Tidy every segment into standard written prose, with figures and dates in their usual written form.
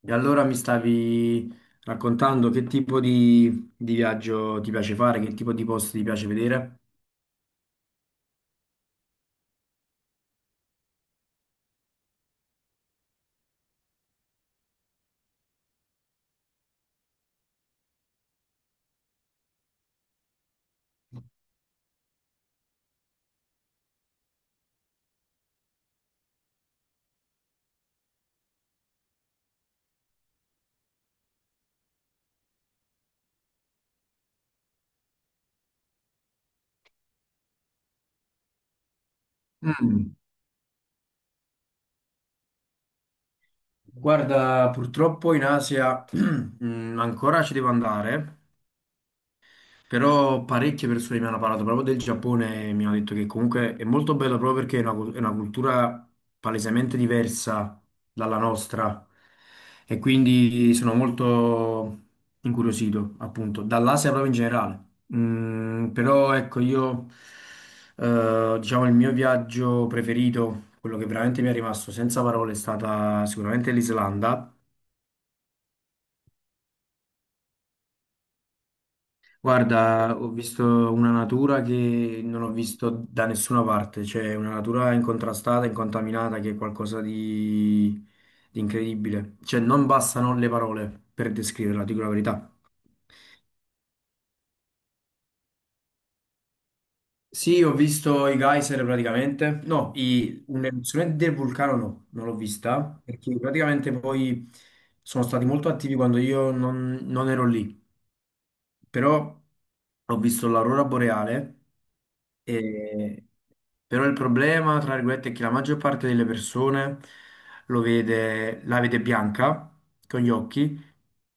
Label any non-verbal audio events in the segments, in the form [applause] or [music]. E allora mi stavi raccontando che tipo di viaggio ti piace fare, che tipo di posti ti piace vedere? Mm, guarda, purtroppo in Asia [clears throat] mm, ancora ci devo andare. Però parecchie persone mi hanno parlato proprio del Giappone e mi hanno detto che comunque è molto bello proprio perché è è una cultura palesemente diversa dalla nostra, e quindi sono molto incuriosito appunto dall'Asia proprio in generale. Mm, però ecco io diciamo, il mio viaggio preferito, quello che veramente mi è rimasto senza parole, è stata sicuramente l'Islanda. Guarda, ho visto una natura che non ho visto da nessuna parte, cioè una natura incontrastata, incontaminata, che è qualcosa di incredibile. Cioè, non bastano le parole per descriverla, dico la verità. Sì, ho visto i geyser praticamente. No, un'eruzione del vulcano no, non l'ho vista, perché praticamente poi sono stati molto attivi quando io non ero lì. Però ho visto l'aurora boreale, e- però il problema, tra virgolette, è che la maggior parte delle persone la vede bianca con gli occhi,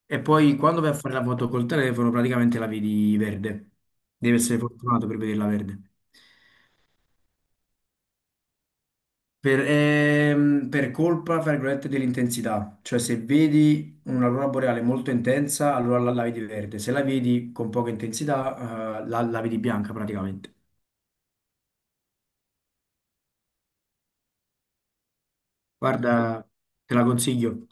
e poi quando vai a fare la foto col telefono praticamente la vedi verde. Devi essere fortunato per vederla verde. Per colpa, fra virgolette, dell'intensità. Cioè, se vedi un'aurora boreale molto intensa, allora la vedi verde; se la vedi con poca intensità, la vedi bianca praticamente. Guarda, te la consiglio.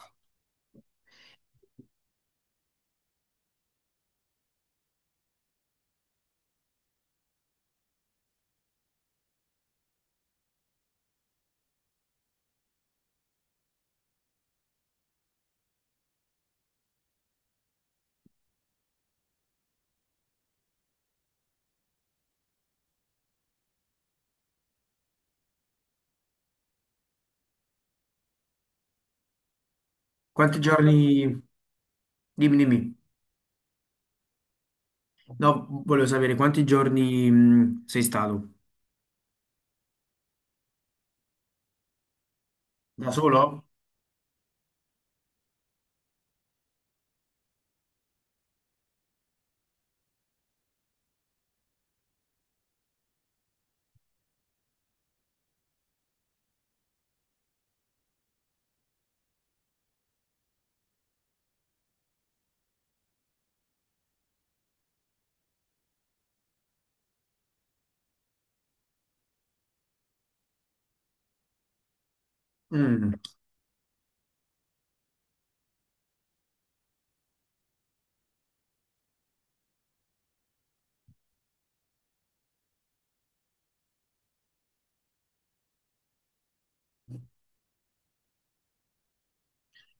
Quanti giorni, dimmi, no, volevo sapere quanti giorni, sei stato? Da solo? Mm.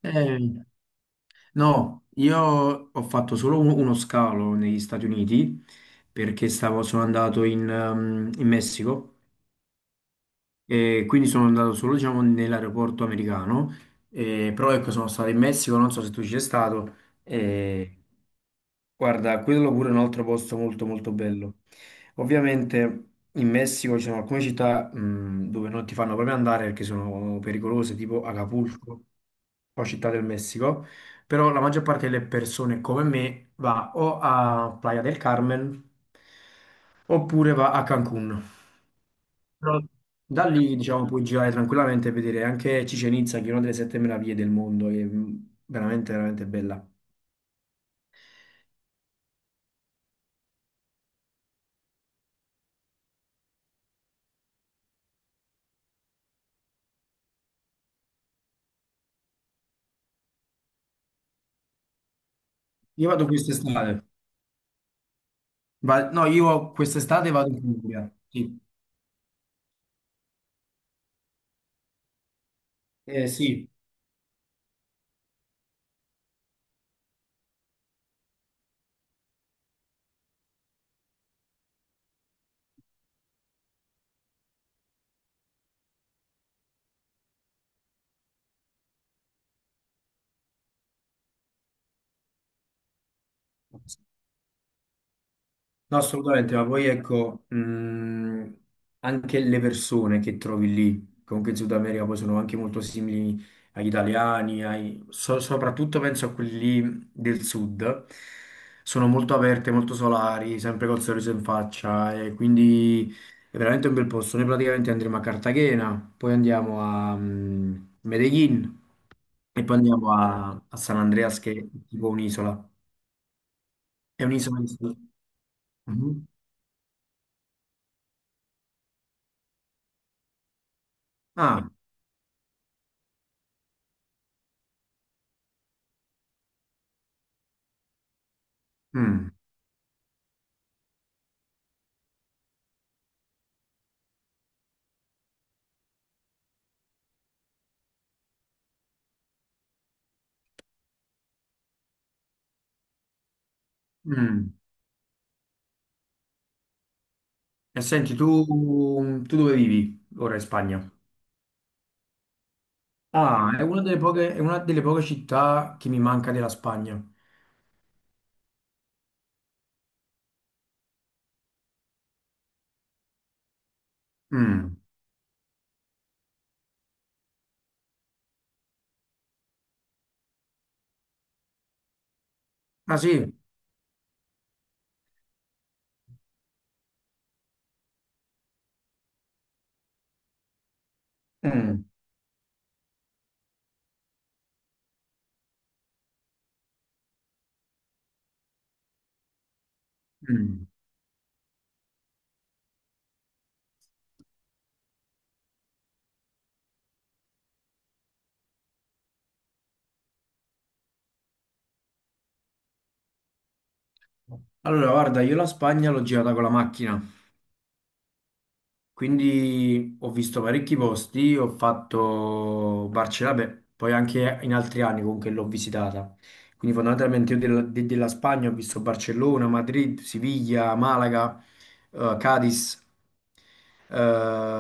Eh, no, io ho fatto solo uno scalo negli Stati Uniti, perché stavo, sono andato in, in Messico. E quindi sono andato solo, diciamo, nell'aeroporto americano. Però ecco, sono stato in Messico, non so se tu ci sei stato. Eh, guarda, quello pure è un altro posto molto molto bello. Ovviamente in Messico ci sono alcune città, dove non ti fanno proprio andare perché sono pericolose, tipo Acapulco o Città del Messico, però la maggior parte delle persone come me va o a Playa del Carmen oppure va a Cancun. Da lì, diciamo, puoi girare tranquillamente e vedere anche Chichén Itzá, che è una delle sette meraviglie del mondo, che è veramente, veramente bella. Io vado quest'estate. Va- no, io quest'estate vado in Puglia. Sì. Sì. No, assolutamente, ma poi ecco, anche le persone che trovi lì, comunque in Sud America, poi sono anche molto simili agli italiani, soprattutto penso a quelli lì del sud, sono molto aperte, molto solari, sempre col sorriso in faccia, e quindi è veramente un bel posto. Noi praticamente andremo a Cartagena, poi andiamo a Medellin, e poi andiamo a San Andreas, che è tipo un'isola. È un'isola. Che si- Mhm. Ah, mm. Mm. E senti, tu dove vivi ora in Spagna? Ah, è una delle poche, è una delle poche città che mi manca della Spagna. Mm. Ah sì? Mm. Mm. Allora, guarda, io la Spagna l'ho girata con la macchina. Quindi ho visto parecchi posti, ho fatto Barcellona, beh, poi anche in altri anni comunque l'ho visitata. Quindi fondamentalmente io della, della Spagna ho visto Barcellona, Madrid, Siviglia, Malaga, Cadiz, eh,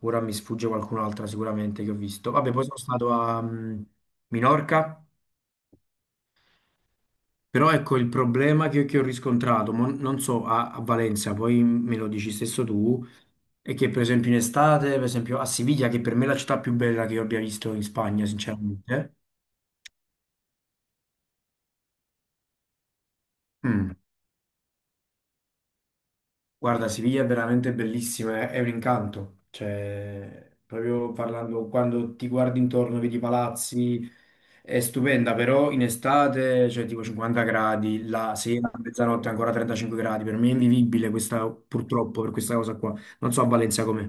ora mi sfugge qualcun'altra sicuramente che ho visto. Vabbè, poi sono stato a mm, Minorca, però ecco il problema che ho riscontrato, mo non so a Valencia, poi me lo dici stesso tu, è che per esempio in estate, per esempio a Siviglia, che per me è la città più bella che io abbia visto in Spagna, sinceramente, mm, guarda, Siviglia è veramente bellissima, è un incanto, cioè, proprio parlando, quando ti guardi intorno, vedi i palazzi, è stupenda, però in estate c'è tipo 50 gradi, la sera a mezzanotte ancora 35 gradi, per me è invivibile questa, purtroppo, per questa cosa qua, non so a Valencia com'è.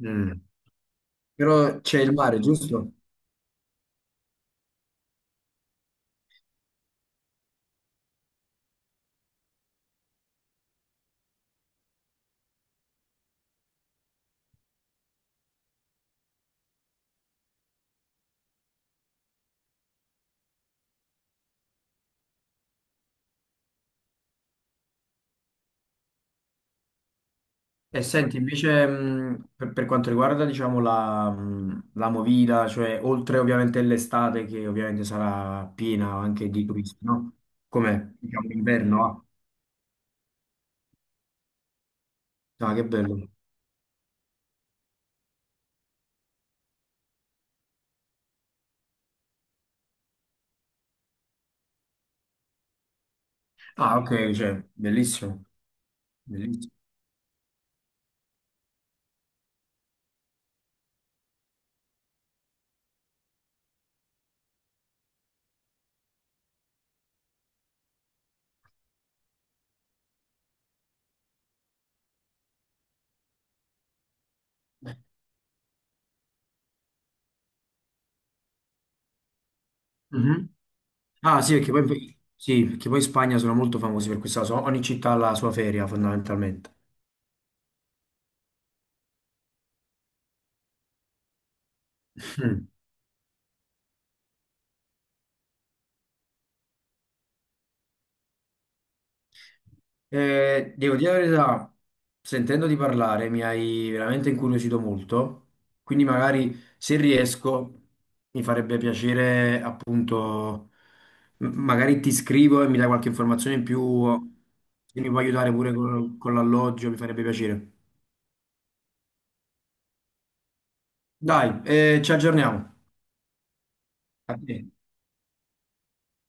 Mm. Però c'è il mare, giusto? E senti, invece per quanto riguarda diciamo, la Movida, cioè oltre ovviamente l'estate che ovviamente sarà piena anche di turisti, no? Com'è? Diciamo l'inverno, ah. Ah, che bello. Ah, ok, cioè, bellissimo, bellissimo. Mhm. Ah, sì, perché poi in Spagna sono molto famosi per questa cosa, ogni città ha la sua feria fondamentalmente. [laughs] Devo dire la verità, sentendoti parlare mi hai veramente incuriosito molto, quindi magari se riesco mi farebbe piacere appunto, magari ti scrivo e mi dai qualche informazione in più, se mi puoi aiutare pure con l'alloggio mi farebbe piacere. Dai, ci aggiorniamo. A te.